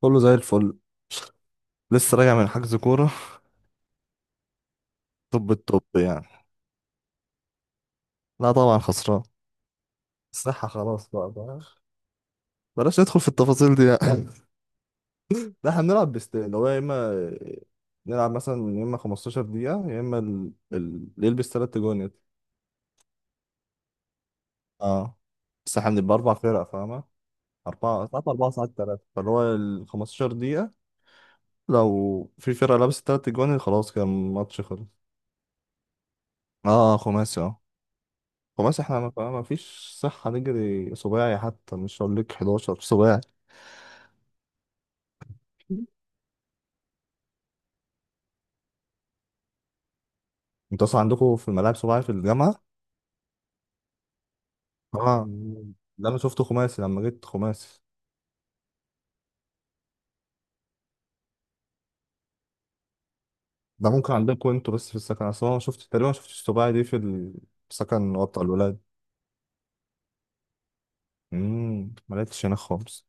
كله زي الفل. لسه راجع من حجز كورة. طب الطب يعني. لا طبعا خسران. الصحة خلاص بقى بقى. بلاش ندخل في التفاصيل دي يعني. لا احنا بنلعب بيستين، اللي هو يا اما نلعب مثلا يا اما 15 دقيقة، يا اما اللي يلبس تلات جون اه. بس احنا بنبقى أربع فرق فاهمة. أربعة ساعات تلاتة، فاللي هو ال 15 دقيقة لو في فرقة لابسة تلات جوان خلاص كان الماتش خلص. اه، خماسي اه. هو مثلا احنا ما فيش صحة نجري سباعي، حتى مش هقول لك 11 سباعي. انتوا اصلا عندكم في الملاعب سباعي في الجامعة؟ اه، ده انا شفته خماسي لما جيت، خماسي. ده ممكن عندكم انتوا، بس في السكن اصلا انا ما شفتش السباعي دي في السكن اللي هو بتاع الولاد. ما لقيتش هنا خالص.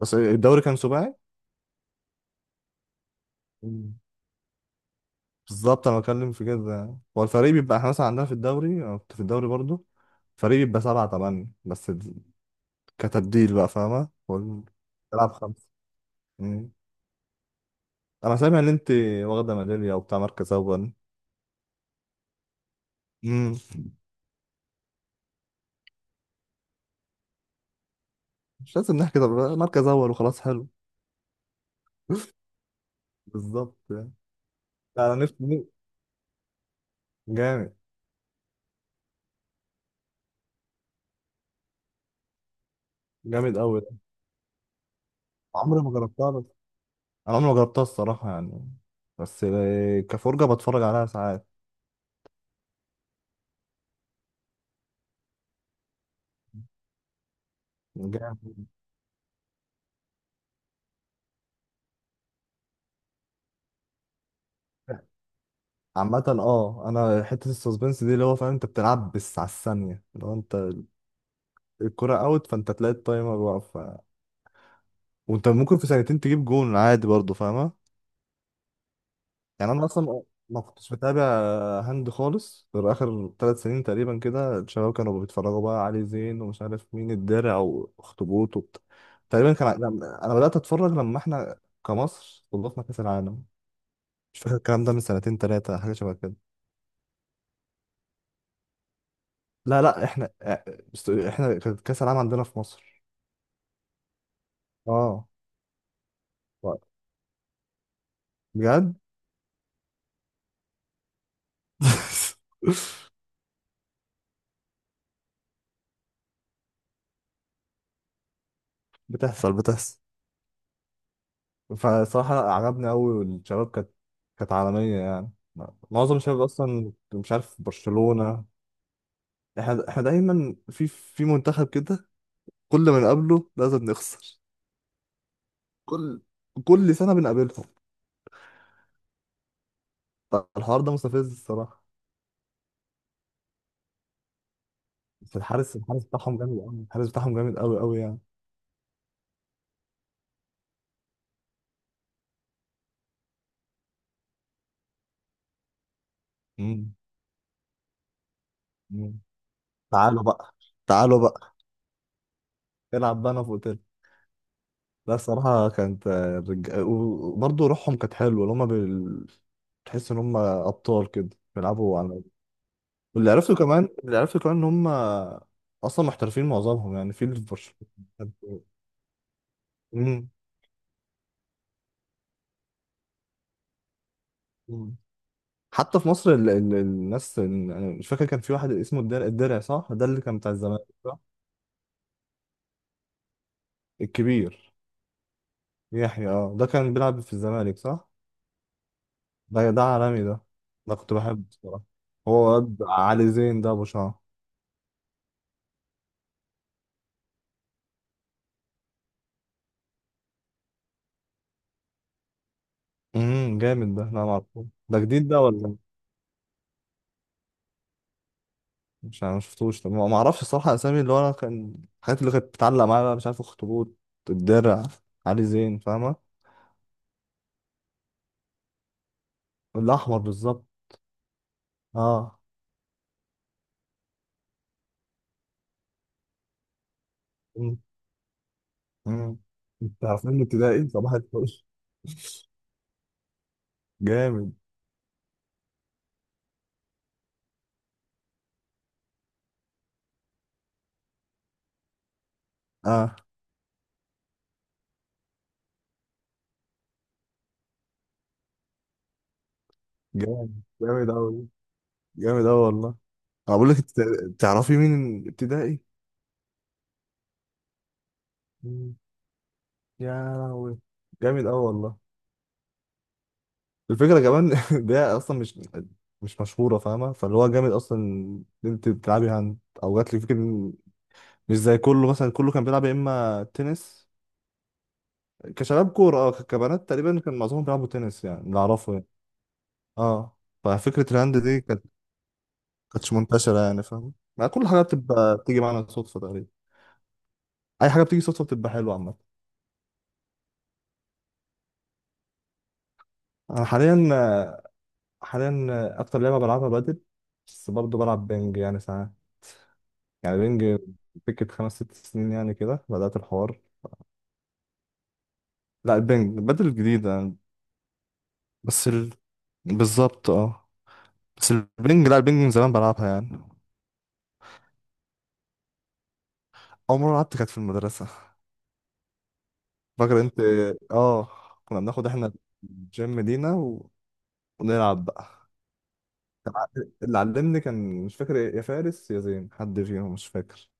بس الدوري كان سباعي؟ مم. بالظبط، انا بتكلم في كده، هو الفريق بيبقى، احنا مثلا عندنا في الدوري، انا كنت في الدوري برضو، فريق بيبقى سبعة تمانية، بس كتبديل بقى فاهمة؟ تلعب خمسة. انا سامع ان انت واخده ميداليه وبتاع مركز اول. امم مش لازم نحكي، طب مركز اول وخلاص، حلو. بالظبط يعني. لا، انا نفسي. جامد. جامد قوي ده. عمري ما جربتها بس انا عمري ما جربتها الصراحه يعني، بس كفرجه بتفرج عليها ساعات. جامد. عامة اه، انا حتة السسبنس دي اللي هو فاهم، انت بتلعب بس على الثانية. لو انت الكرة اوت، فانت تلاقي التايمر واقف، وانت ممكن في ثانيتين تجيب جون عادي برضه فاهمة. يعني انا اصلا ما كنتش بتابع هند خالص غير اخر 3 سنين تقريبا كده. الشباب كانوا بيتفرجوا بقى علي زين ومش عارف مين، الدرع واخطبوط تقريبا كان انا بدات اتفرج لما احنا كمصر استضفنا كاس العالم. مش فاكر الكلام ده، من سنتين ثلاثه، حاجه شبه كده. لا لا، احنا احنا، كانت كاس العالم عندنا في مصر. اه، بجد. بتحصل بتحصل. فصراحة عجبني أوي، والشباب كانت عالمية يعني. معظم الشباب أصلا مش عارف برشلونة. احنا دايما في منتخب كده، كل ما نقابله لازم نخسر. كل كل سنة بنقابلهم. الحوار ده مستفز الصراحة. بس الحارس بتاعهم جامد أوي، الحارس بتاعهم جامد أوي أوي يعني. مم. مم. تعالوا بقى، تعالوا بقى، العب بقى، أنا في أوتيل. لا الصراحة كانت وبرضه روحهم كانت حلوة، اللي هما تحس إن هما أبطال كده، بيلعبوا على. واللي عرفته كمان، ان هم اصلا محترفين معظمهم يعني، في اللي في برشلونه. مم. مم. حتى في مصر الناس، انا مش فاكر، كان في واحد اسمه الدرع، صح، ده اللي كان بتاع الزمالك صح؟ الكبير. يحيى، اه، ده كان بيلعب في الزمالك صح. ده عالمي ده. ده كنت بحبه بصراحه. هو واد علي زين ده ابو شعر. جامد ده. لا ما اعرفه، ده جديد ده ولا. مش انا ما شفتوش. طب ما اعرفش الصراحه اسامي، اللي هو انا كان الحاجات اللي كانت بتعلق معايا بقى، مش عارف: اخطبوط، الدرع، علي زين فاهمه. الاحمر بالظبط. اه. مم. امم انت عارفين الابتدائي، صباح الفل. جامد. اه، جامد. جامد قوي. جامد اوي والله. انا بقول لك انت، تعرفي مين ابتدائي. مم. يا لهوي، جامد اوي والله. الفكره كمان ده اصلا مش مشهوره فاهمه، فاللي هو جامد اصلا ان انت بتلعبي هاند، او جات لي فكره. مش زي كله، مثلا كله كان بيلعب يا اما تنس كشباب كوره، اه، كبنات تقريبا كان معظمهم بيلعبوا تنس، يعني اللي اعرفه يعني. اه. ففكره الهاند دي كانت كانتش منتشره يعني، فاهم، ما كل حاجه بتبقى بتيجي معانا صدفه تقريبا. اي حاجه بتيجي صدفه بتبقى حلوه عامه. انا حاليا اكتر لعبه بلعبها بدل، بس برضه بلعب بينج يعني ساعات. يعني بينج، فكره خمس ست سنين يعني كده بدات الحوار. لا البينج بدل جديده يعني، بس بالظبط اه. بس البنج لا البنج من زمان بلعبها يعني. أول مرة لعبت كانت في المدرسة. فاكر أنت، آه كنا بناخد إحنا الجيم لينا، و... ونلعب بقى. كان ع- اللي علمني كان، مش فاكر إيه، يا فارس يا زين، حد فيهم مش فاكر.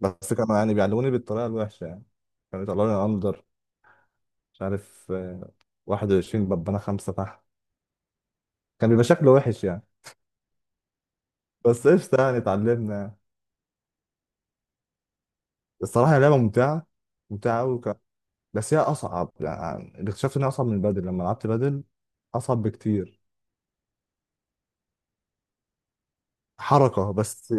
بس كانوا يعني بيعلموني بالطريقة الوحشة يعني، كانوا يطلعوني أندر. مش عارف آه، 21 ببقى أنا خمسة تحت، كان بيبقى شكله وحش يعني. بس قشطة يعني، اتعلمنا يعني. الصراحة هي لعبة ممتعة، ممتعة أوي بس هي أصعب، يعني اللي اكتشفت إنها أصعب من البادل لما لعبت بادل، أصعب بكتير. حركة بس.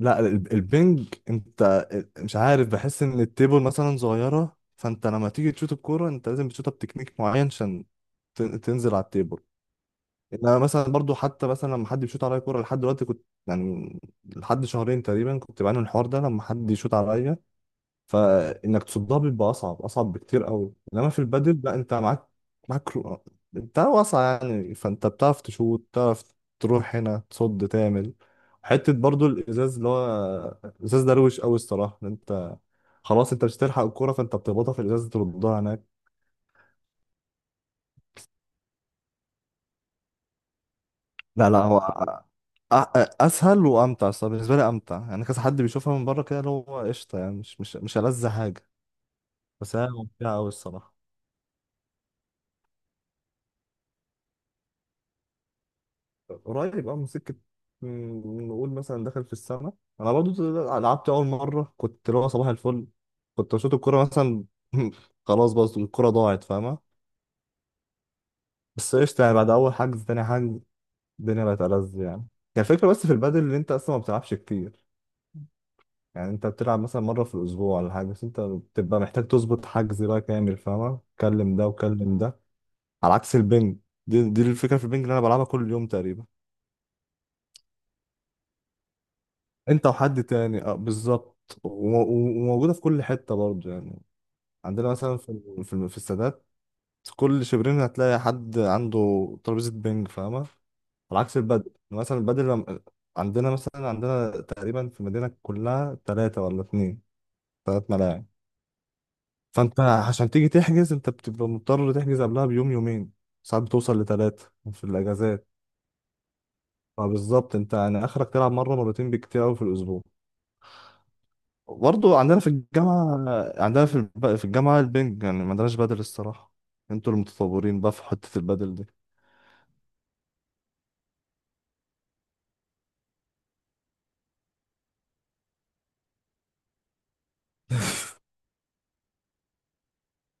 لا البنج انت مش عارف، بحس ان التيبل مثلا صغيرة، فانت لما تيجي تشوت الكورة، انت لازم بتشوتها بتكنيك معين عشان تنزل على التيبل. انا مثلا برضو، حتى مثلا لما حد بيشوت عليا كورة لحد دلوقتي كنت يعني، لحد شهرين تقريبا كنت بعاني من الحوار ده، لما حد يشوت عليا فانك تصدها بيبقى اصعب، اصعب بكتير قوي. انما في البادل لا، انت معاك، معاك رو- انت واسعه يعني، فانت بتعرف تشوط، تعرف تروح هنا، تصد، تعمل. حته برضو الازاز، اللي هو الازاز ده روش قوي الصراحه، إن انت خلاص انت مش هتلحق الكوره فانت بتخبطها في الازاز تردها هناك. لا لا، هو اسهل وامتع الصراحه، بالنسبه لي امتع يعني، كذا حد بيشوفها من بره كده اللي هو قشطه يعني، مش ألذ حاجه. بس هي ممتعه قوي الصراحه. قريب اه، من سكة، مم، نقول مثلا دخل في السنة. أنا برضو لعبت أول مرة، كنت اللي هو صباح الفل، كنت بشوط الكورة مثلا، خلاص، بس الكورة ضاعت فاهمة. بس قشطة يعني، بعد أول حجز تاني حجز الدنيا بقت ألذ يعني. كان الفكرة بس في البادل إن أنت أصلا ما بتلعبش كتير، يعني أنت بتلعب مثلا مرة في الأسبوع ولا حاجة، بس أنت بتبقى محتاج تظبط حجز بقى كامل فاهمة، كلم ده وكلم ده. على عكس البنج، دي الفكرة في البنج اللي أنا بلعبها كل يوم تقريبا. انت وحد تاني اه بالظبط، و وموجوده في كل حته برضه يعني. عندنا مثلا في ال- في الم- في السادات، كل شبرين هتلاقي حد عنده ترابيزه بينج فاهمه. على عكس البدل، مثلا البدل لم- عندنا مثلا عندنا تقريبا في المدينه كلها ثلاثه ولا اثنين، ثلاث ملاعب. فانت عشان تيجي تحجز، انت بتبقى مضطر تحجز قبلها بيوم يومين، ساعات بتوصل لثلاثه في الاجازات. فبالظبط انت يعني اخرك تلعب مره مرتين بكتير قوي في الاسبوع. برضه عندنا في الجامعة، في الجامعة البنج يعني، ما عندناش بدل الصراحة، انتوا المتطورين بقى في حتة البدل دي.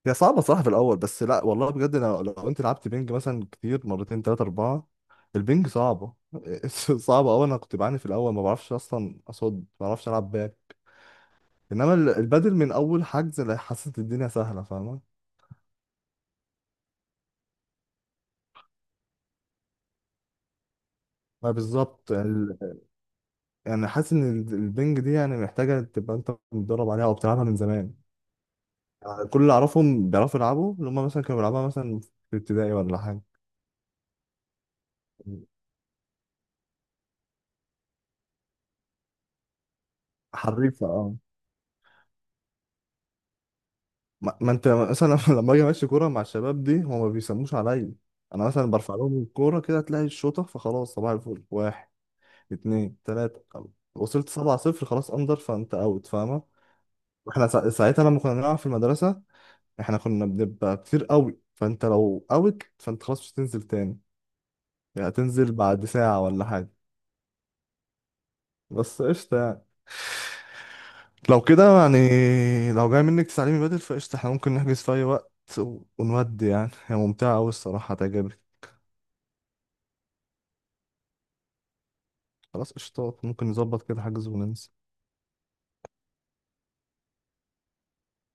هي صعبة صراحة في الأول، بس لا والله بجد، لو انت لعبت بنج مثلا كتير مرتين تلاتة أربعة، البنج صعبة، صعبة أوي. أنا كنت بعاني في الأول، ما بعرفش أصلا أصد، ما بعرفش ألعب باك. إنما البدل من أول حجز، لا، حسيت الدنيا سهلة فاهمة. ما بالظبط ال- يعني حاسس إن البنج دي يعني محتاجة تبقى أنت متدرب عليها أو بتلعبها من زمان. كل اللي اعرفهم بيعرفوا يلعبوا، اللي هم مثلا كانوا بيلعبوها مثلا في ابتدائي ولا حاجه. حريفه اه. ما انت مثلا لما اجي امشي كوره مع الشباب دي، هم ما بيسموش عليا. انا مثلا برفع لهم الكوره كده، تلاقي الشوطه فخلاص، صباح الفل، واحد اتنين تلاته خلاص. وصلت 7-0، خلاص اندر، فانت اوت فاهمه. واحنا ساعتها لما كنا بنلعب في المدرسه، احنا كنا بنبقى كتير قوي، فانت لو اوت فانت خلاص مش هتنزل تاني، يعني هتنزل بعد ساعه ولا حاجه. بس قشطة يعني. لو كده يعني، لو جاي منك تعليمي بدل فقشطة، احنا ممكن نحجز في أي وقت، ونودي يعني، هي ممتعة أوي الصراحة هتعجبك. خلاص قشطات، ممكن نظبط كده حجز وننزل.